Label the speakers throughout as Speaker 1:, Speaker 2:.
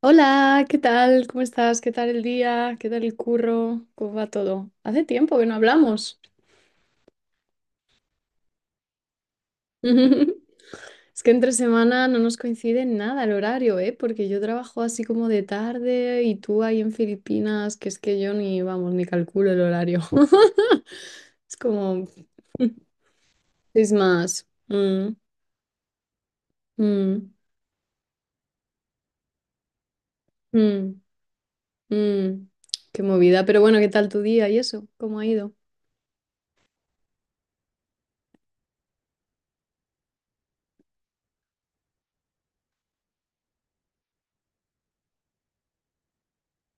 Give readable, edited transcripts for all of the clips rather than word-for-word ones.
Speaker 1: Hola, ¿qué tal? ¿Cómo estás? ¿Qué tal el día? ¿Qué tal el curro? ¿Cómo va todo? Hace tiempo que no hablamos. Es que entre semana no nos coincide en nada el horario, ¿eh? Porque yo trabajo así como de tarde y tú ahí en Filipinas, que es que yo ni, vamos, ni calculo el horario. Es como, es más. Mm, mm, mm. Qué movida. Pero bueno, ¿qué tal tu día y eso? ¿Cómo ha ido?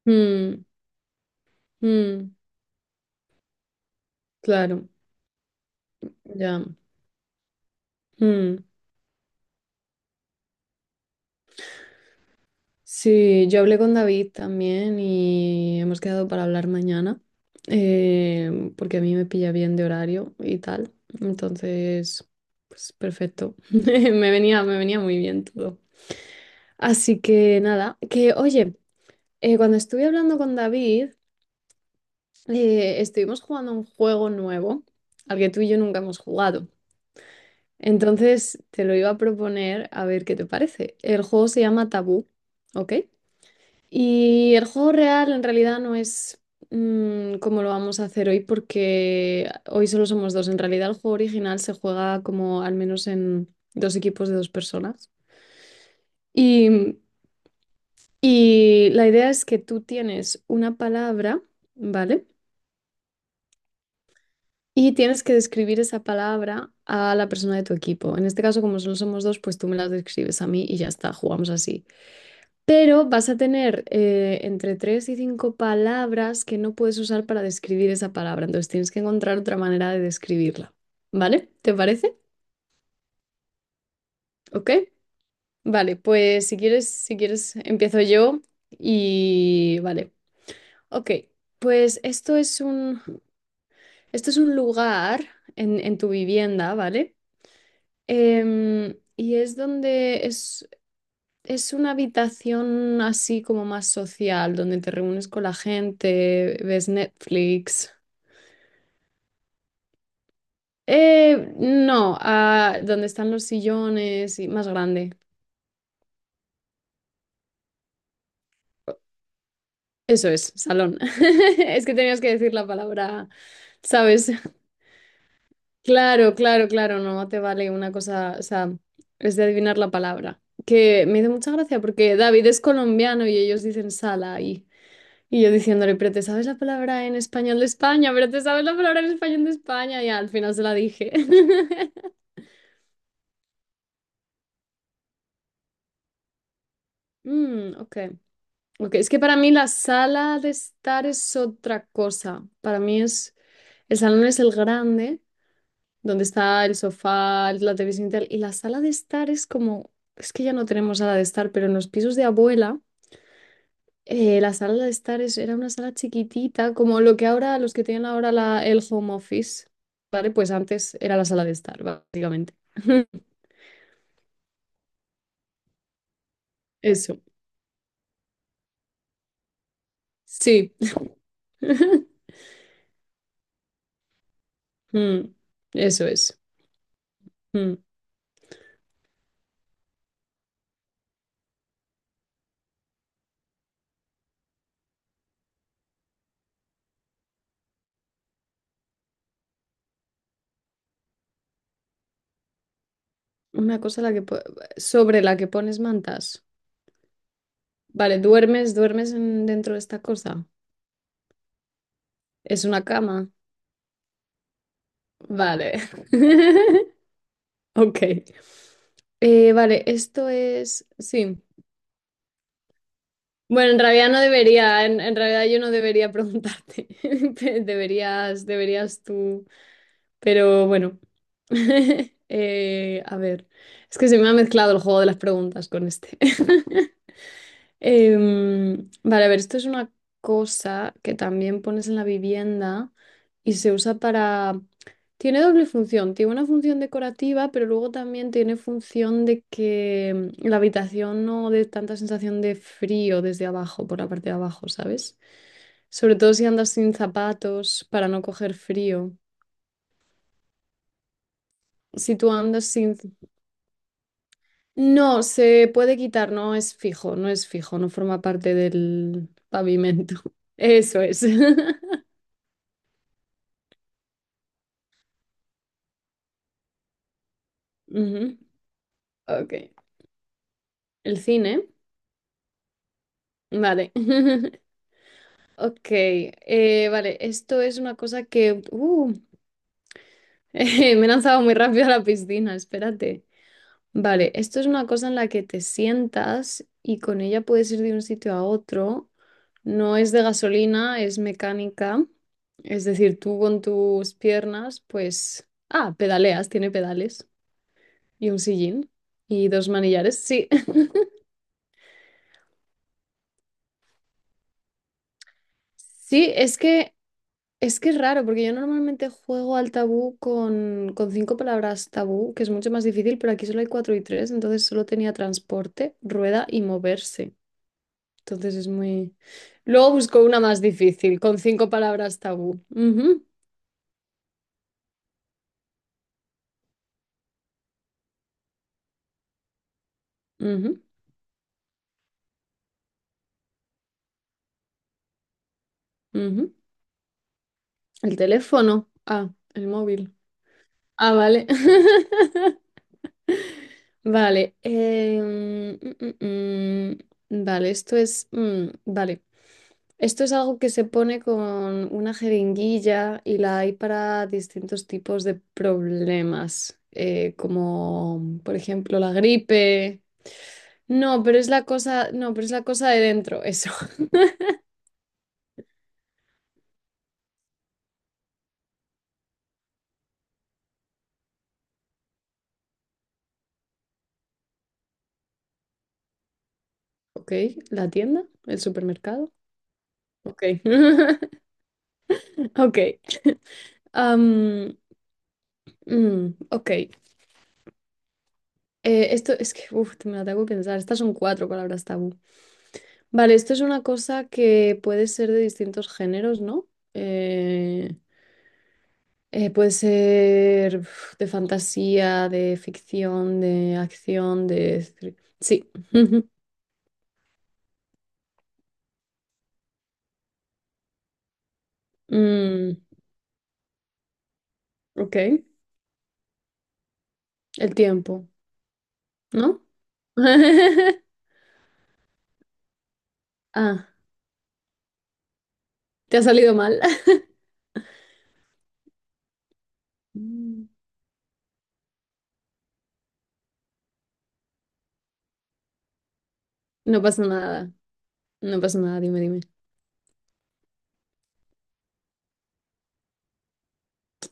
Speaker 1: Mm, mm, claro, ya. Mm. Sí, yo hablé con David también y hemos quedado para hablar mañana, porque a mí me pilla bien de horario y tal. Entonces, pues perfecto. Me venía muy bien todo. Así que nada, que oye, cuando estuve hablando con David, estuvimos jugando un juego nuevo al que tú y yo nunca hemos jugado. Entonces, te lo iba a proponer a ver qué te parece. El juego se llama Tabú, ¿ok? Y el juego real en realidad no es como lo vamos a hacer hoy porque hoy solo somos dos. En realidad el juego original se juega como al menos en dos equipos de dos personas. Y, mm, y la idea es que tú tienes una palabra, ¿vale? Y tienes que describir esa palabra a la persona de tu equipo. En este caso, como solo somos dos, pues tú me las describes a mí y ya está, jugamos así. Pero vas a tener entre tres y cinco palabras que no puedes usar para describir esa palabra. Entonces tienes que encontrar otra manera de describirla. ¿Vale? ¿Te parece? ¿Ok? Vale, pues si quieres, empiezo yo y vale. Ok, pues esto es un lugar en tu vivienda, ¿vale? Y es donde es una habitación así como más social, donde te reúnes con la gente, ves Netflix. No, donde están los sillones y más grande. Eso es, salón. Es que tenías que decir la palabra, ¿sabes? Claro, claro, claro, no te vale una cosa, o sea, es de adivinar la palabra. Que me hizo mucha gracia porque David es colombiano y ellos dicen sala ahí. Y yo diciéndole, pero te sabes la palabra en español de España, pero te sabes la palabra en español de España. Y al final se la dije. Ok. Ok, es que para mí la sala de estar es otra cosa. Para mí es, el salón es el grande, donde está el sofá, la televisión y tal. Y la sala de estar es como, es que ya no tenemos sala de estar, pero en los pisos de abuela. La sala de estar es- era una sala chiquitita, como lo que ahora, los que tienen ahora el home office, ¿vale? Pues antes era la sala de estar, básicamente. Eso, sí. Mm, Eso es. Mm. Una cosa la que po- Sobre la que pones mantas. Vale, duermes dentro de esta cosa. Es una cama. Vale. Ok. Vale, esto es. Sí. Bueno, en realidad no debería, en realidad yo no debería preguntarte. Deberías, deberías tú. Pero bueno. A ver, es que se me ha mezclado el juego de las preguntas con este. Vale, a ver, esto es una cosa que también pones en la vivienda y se usa para... Tiene doble función, tiene una función decorativa, pero luego también tiene función de que la habitación no dé tanta sensación de frío desde abajo, por la parte de abajo, ¿sabes? Sobre todo si andas sin zapatos para no coger frío. Si tú andas sin... No, se puede quitar, no es fijo, no es fijo, no forma parte del pavimento. Eso es. Ujú, ok. El cine. Vale. Ok. Vale, esto es una cosa que... me he lanzado muy rápido a la piscina, espérate. Vale, esto es una cosa en la que te sientas y con ella puedes ir de un sitio a otro. No es de gasolina, es mecánica. Es decir, tú con tus piernas, pues... Ah, pedaleas, tiene pedales. Y un sillín. Y dos manillares. Sí. Sí, es que es raro, porque yo normalmente juego al tabú con cinco palabras tabú, que es mucho más difícil, pero aquí solo hay cuatro y tres, entonces solo tenía transporte, rueda y moverse. Entonces es muy... Luego busco una más difícil, con cinco palabras tabú. Ujú, ujú. El teléfono. Ah, el móvil. Ah, vale. Vale. Mm. Vale, esto es... vale. Esto es algo que se pone con una jeringuilla y la hay para distintos tipos de problemas, como por ejemplo la gripe. No, pero es la cosa, no, pero es la cosa de dentro, eso. Ok, la tienda, el supermercado. Ok, ok. Am, ok, esto es que, uf, me la tengo que pensar. Estas son cuatro palabras tabú. Vale, esto es una cosa que puede ser de distintos géneros, ¿no? Eh, puede ser uf, de fantasía, de ficción, de acción, de... Sí. Mm, ok. El tiempo, ¿no? Ah, ¿te ha salido mal? Mm. No pasa nada. No pasa nada, dime, dime.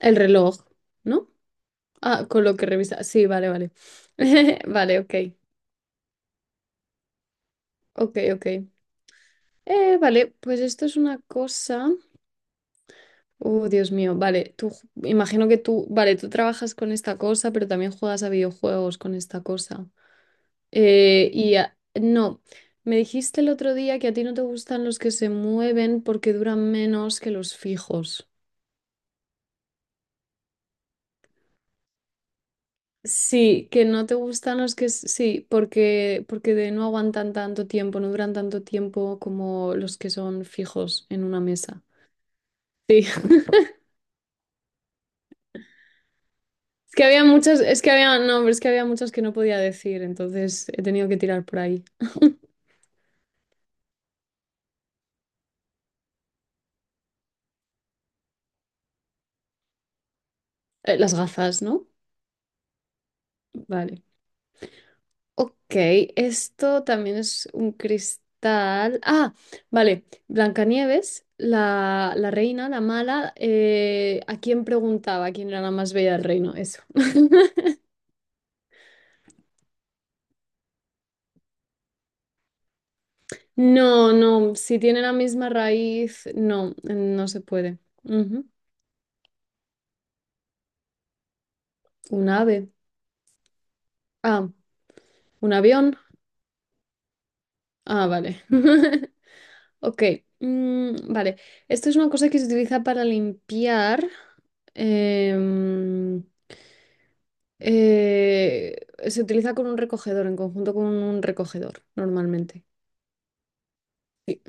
Speaker 1: El reloj, ¿no? Ah, con lo que revisa. Sí, vale, vale. Vale, ok. Ok, ok. Vale, pues esto es una cosa. Dios mío, vale, imagino que tú, vale, tú trabajas con esta cosa, pero también juegas a videojuegos con esta cosa. No, me dijiste el otro día que a ti no te gustan los que se mueven porque duran menos que los fijos. Sí, que no te gustan los que s- sí, porque no aguantan tanto tiempo, no duran tanto tiempo como los que son fijos en una mesa. Sí. Es que había muchos, es que había, no, pero es que había muchos que no podía decir, entonces he tenido que tirar por ahí. Las gafas, ¿no? Vale. Ok, esto también es un cristal. Ah, vale. Blancanieves, la reina, la mala. ¿A quién preguntaba quién era la más bella del reino? Eso. No, no, si tiene la misma raíz, no, no se puede. Ujú. Un ave. Ah, un avión. Ah, vale. Ok, vale. Esto es una cosa que se utiliza para limpiar. em, Se utiliza con un recogedor, en conjunto con un recogedor, normalmente. Sí,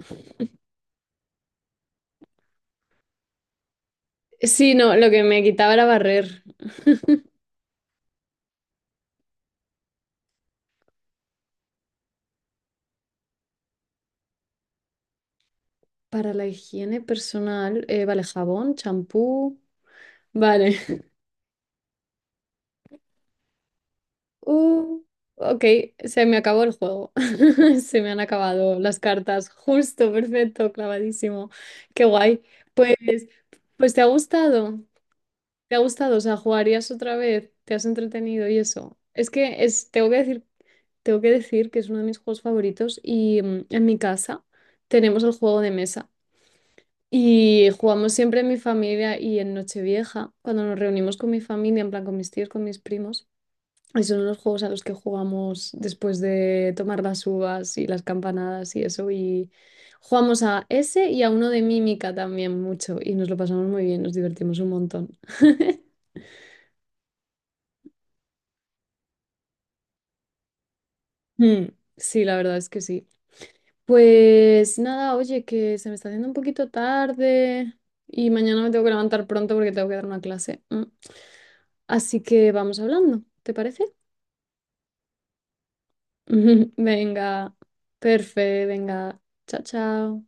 Speaker 1: sí, no, lo que me quitaba era barrer. Para la higiene personal, vale, jabón, champú. Vale. Uh, ok, se me acabó el juego. Se me han acabado las cartas. Justo, perfecto, clavadísimo. Qué guay. Pues, pues ¿te ha gustado? ¿Te ha gustado? O sea, ¿jugarías otra vez? ¿Te has entretenido y eso? Es que es, tengo que decir que es uno de mis juegos favoritos y en mi casa tenemos el juego de mesa y jugamos siempre en mi familia y en Nochevieja, cuando nos reunimos con mi familia, en plan con mis tíos, con mis primos. Y son los juegos a los que jugamos después de tomar las uvas y las campanadas y eso. Y jugamos a ese y a uno de mímica también mucho. Y nos lo pasamos muy bien, nos divertimos un montón. Mm, sí, la verdad es que sí. Pues nada, oye, que se me está haciendo un poquito tarde y mañana me tengo que levantar pronto porque tengo que dar una clase. Así que vamos hablando, ¿te parece? Venga, perfecto, venga. Chao, chao.